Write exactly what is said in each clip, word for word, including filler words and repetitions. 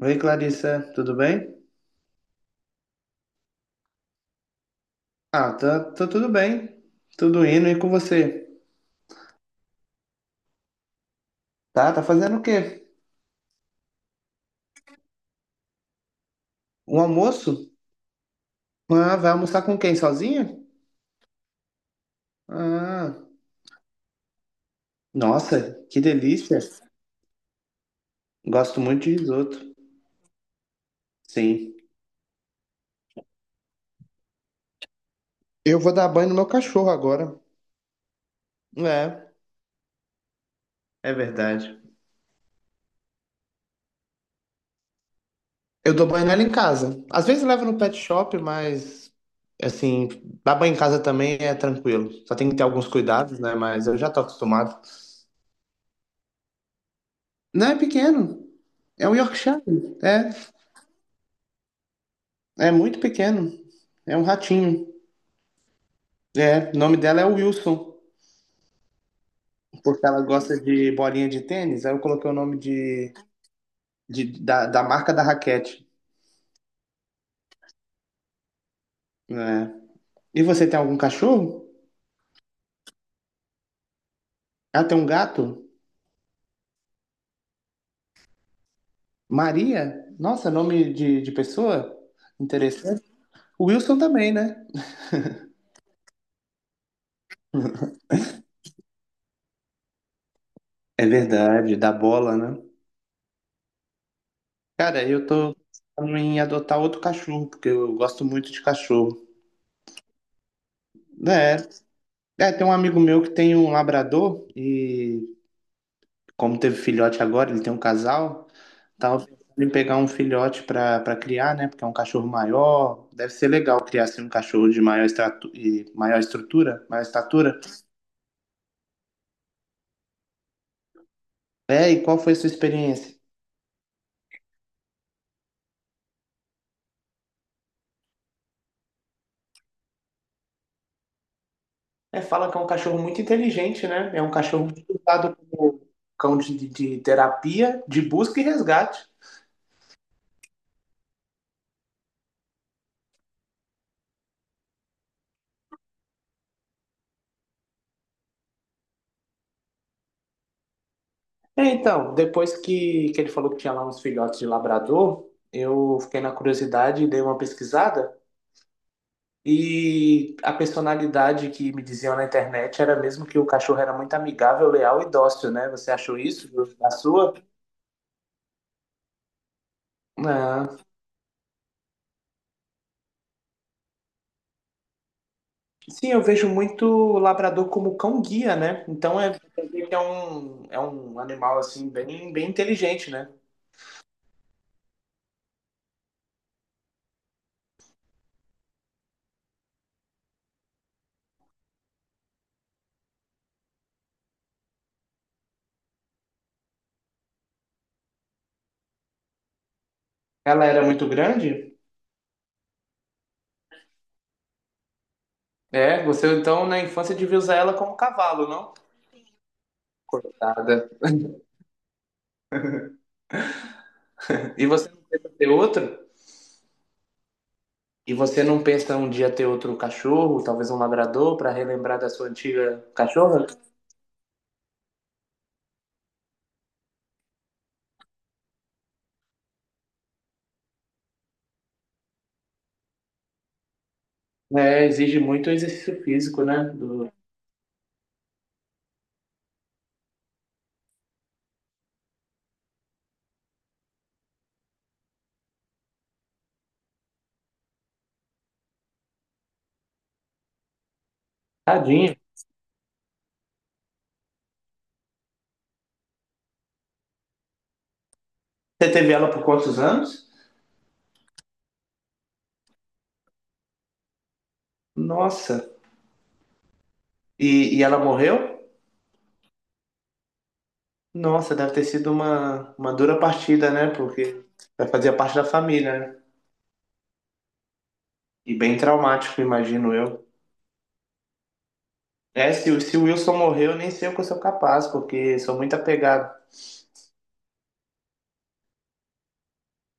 Oi, Clarissa, tudo bem? Ah, tá, tá tudo bem. Tudo indo e com você? Tá, tá fazendo o quê? Um almoço? Ah, vai almoçar com quem? Sozinha? Ah, nossa, que delícia. Gosto muito de risoto. Sim. Eu vou dar banho no meu cachorro agora. É, é verdade. Eu dou banho nela em casa. Às vezes eu levo no pet shop, mas assim, dar banho em casa também é tranquilo. Só tem que ter alguns cuidados, né? Mas eu já tô acostumado. Não, é pequeno. É um Yorkshire. É. É muito pequeno. É um ratinho. É, o nome dela é Wilson, porque ela gosta de bolinha de tênis. Aí eu coloquei o nome de, de- da, da marca da raquete. Né? E você tem algum cachorro? Ah, tem um gato? Maria? Nossa, nome de, de pessoa? Interessante. O Wilson também, né? É verdade, da bola, né? Cara, eu tô pensando em adotar outro cachorro, porque eu gosto muito de cachorro. É, é, tem um amigo meu que tem um labrador e como teve filhote agora, ele tem um casal, tava pensando em pegar um filhote pra para criar, né? Porque é um cachorro maior, deve ser legal criar assim um cachorro de maior estratu e maior estrutura, maior estatura. É, e qual foi a sua experiência? É, fala que é um cachorro muito inteligente, né? É um cachorro muito usado como cão de, de- de terapia, de busca e resgate. É, então, depois que, que ele falou que tinha lá uns filhotes de labrador, eu fiquei na curiosidade e dei uma pesquisada. E a personalidade que me diziam na internet era mesmo que o cachorro era muito amigável, leal e dócil, né? Você achou isso da sua? Ah, sim, eu vejo muito o labrador como cão guia, né? Então é, é um, é um animal assim bem, bem inteligente, né? Ela era muito grande? É, você então na infância devia usar ela como cavalo, não? Coitada. E você não pensa ter outro? E você não pensa um dia ter outro cachorro, talvez um labrador, para relembrar da sua antiga cachorra? É, exige muito exercício físico, né? Do... Tadinho. Você teve ela por quantos anos? Nossa. E, e ela morreu? Nossa, deve ter sido uma, uma dura partida, né? Porque vai fazer parte da família, né? E bem traumático, imagino eu. É, se, o- se o Wilson morreu, nem sei o que eu sou capaz, porque sou muito apegado.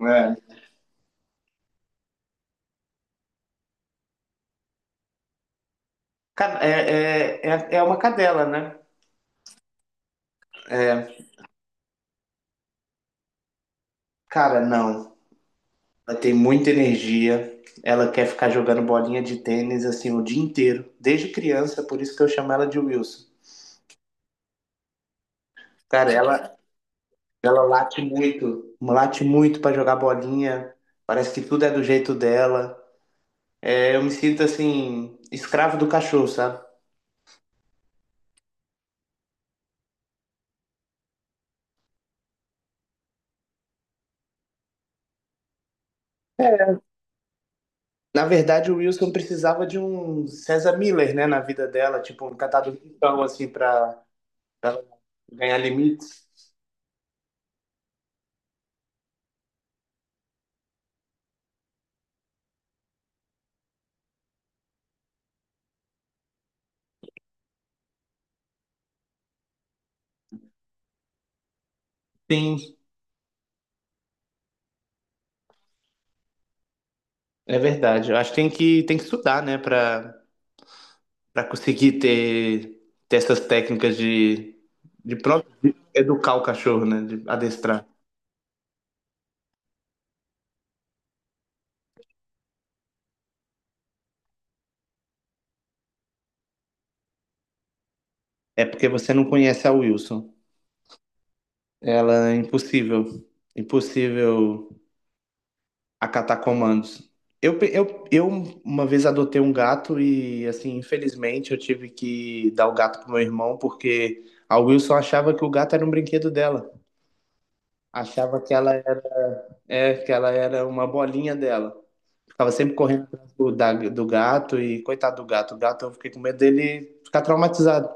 É. Ca- É, é, é, é uma cadela, né? É, cara, não. Ela tem muita energia. Ela quer ficar jogando bolinha de tênis assim o dia inteiro, desde criança, por isso que eu chamo ela de Wilson. Cara, ela, ela late muito, late muito pra jogar bolinha. Parece que tudo é do jeito dela. É, eu me sinto assim, escravo do cachorro, sabe? Na verdade, o Wilson precisava de um César Miller, né, na vida dela, tipo um catador de pau, assim, pra ganhar limites. Sim, é verdade. Eu acho que tem que, tem que estudar, né, pra para conseguir ter, ter essas técnicas de, de próprio de educar o cachorro, né? De adestrar. É porque você não conhece a Wilson. Ela é impossível, impossível acatar comandos. Eu, pe- eu, eu uma vez adotei um gato e, assim, infelizmente eu tive que dar o gato pro meu irmão porque a Wilson achava que o gato era um brinquedo dela. Achava que ela era, é, que ela era uma bolinha dela. Ficava sempre correndo atrás do, da- do gato e coitado do gato. O gato, eu fiquei com medo dele ficar traumatizado.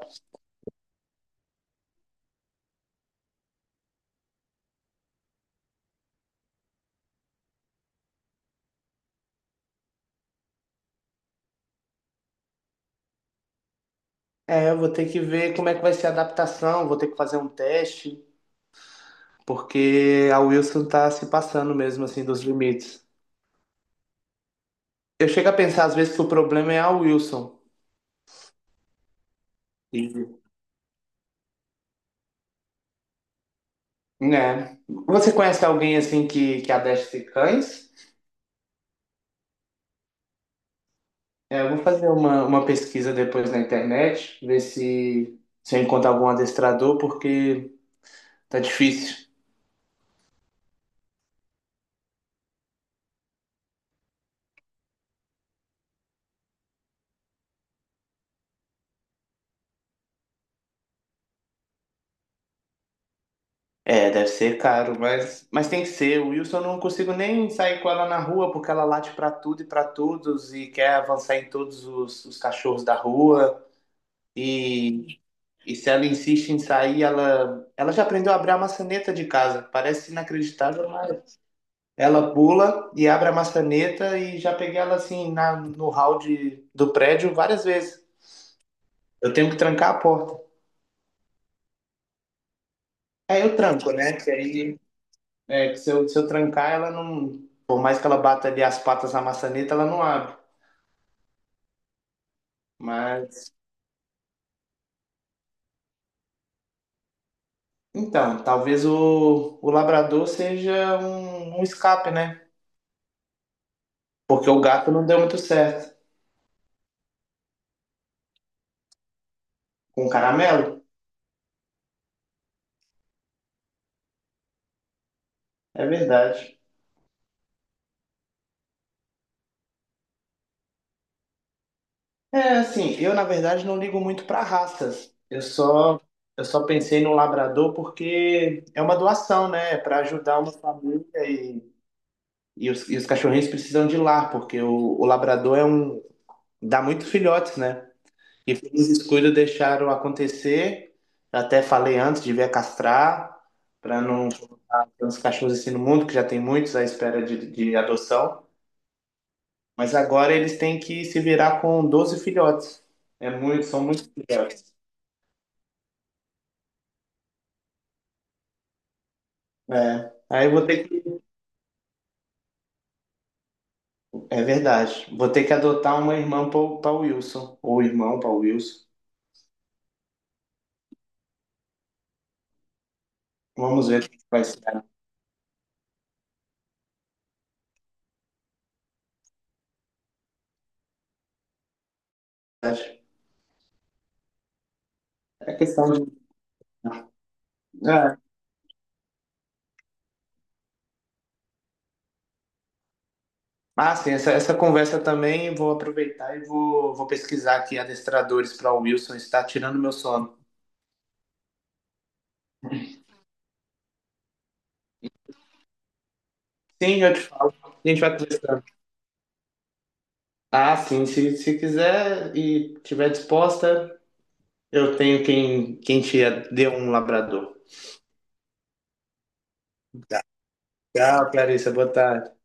É, eu vou ter que ver como é que vai ser a adaptação, vou ter que fazer um teste, porque a Wilson tá se passando mesmo, assim, dos limites. Eu chego a pensar, às vezes, que o problema é a Wilson. E, né? Você conhece alguém, assim, que, que adestre cães? É, eu vou fazer uma, uma pesquisa depois na internet, ver se, se eu encontro algum adestrador, porque tá difícil. É, deve ser caro, mas, mas tem que ser. O Wilson, eu não consigo nem sair com ela na rua porque ela late pra tudo e pra todos e quer avançar em todos os, os cachorros da rua. E, e se ela insiste em sair, ela, ela já aprendeu a abrir a maçaneta de casa. Parece inacreditável, mas ela pula e abre a maçaneta e já peguei ela assim na, no hall de, do prédio várias vezes. Eu tenho que trancar a porta. Aí eu tranco, né? Que aí é, que se eu, se eu trancar, ela não. Por mais que ela bata ali as patas na maçaneta, ela não abre. Mas. Então, talvez o, o labrador seja um, um escape, né? Porque o gato não deu muito certo. Com o caramelo? É verdade. É, assim, eu na verdade não ligo muito para raças. Eu só. Eu só pensei no labrador porque é uma doação, né? Para ajudar uma família e, e, os, e os cachorrinhos precisam de lar, porque o, o labrador é um, dá muitos filhotes, né? E pelos descuido deixaram acontecer. Até falei antes, devia castrar, para não colocar tantos cachorros assim no mundo, que já tem muitos à espera de, de adoção. Mas agora eles têm que se virar com doze filhotes. É muito, são muitos filhotes. É. Aí eu vou ter que. É verdade. Vou ter que adotar uma irmã para o Wilson. Ou irmão para o Wilson. Vamos ver o que vai ser. Na verdade. É questão de. É, ah, sim, essa, essa conversa também vou aproveitar e vou, vou pesquisar aqui adestradores para o Wilson, está tirando meu sono. Sim, eu te falo. A gente vai conversando. Ah, sim, se, se quiser e tiver disposta, eu tenho quem, quem te dê um labrador. Tá. Tchau, Clarissa, boa tarde.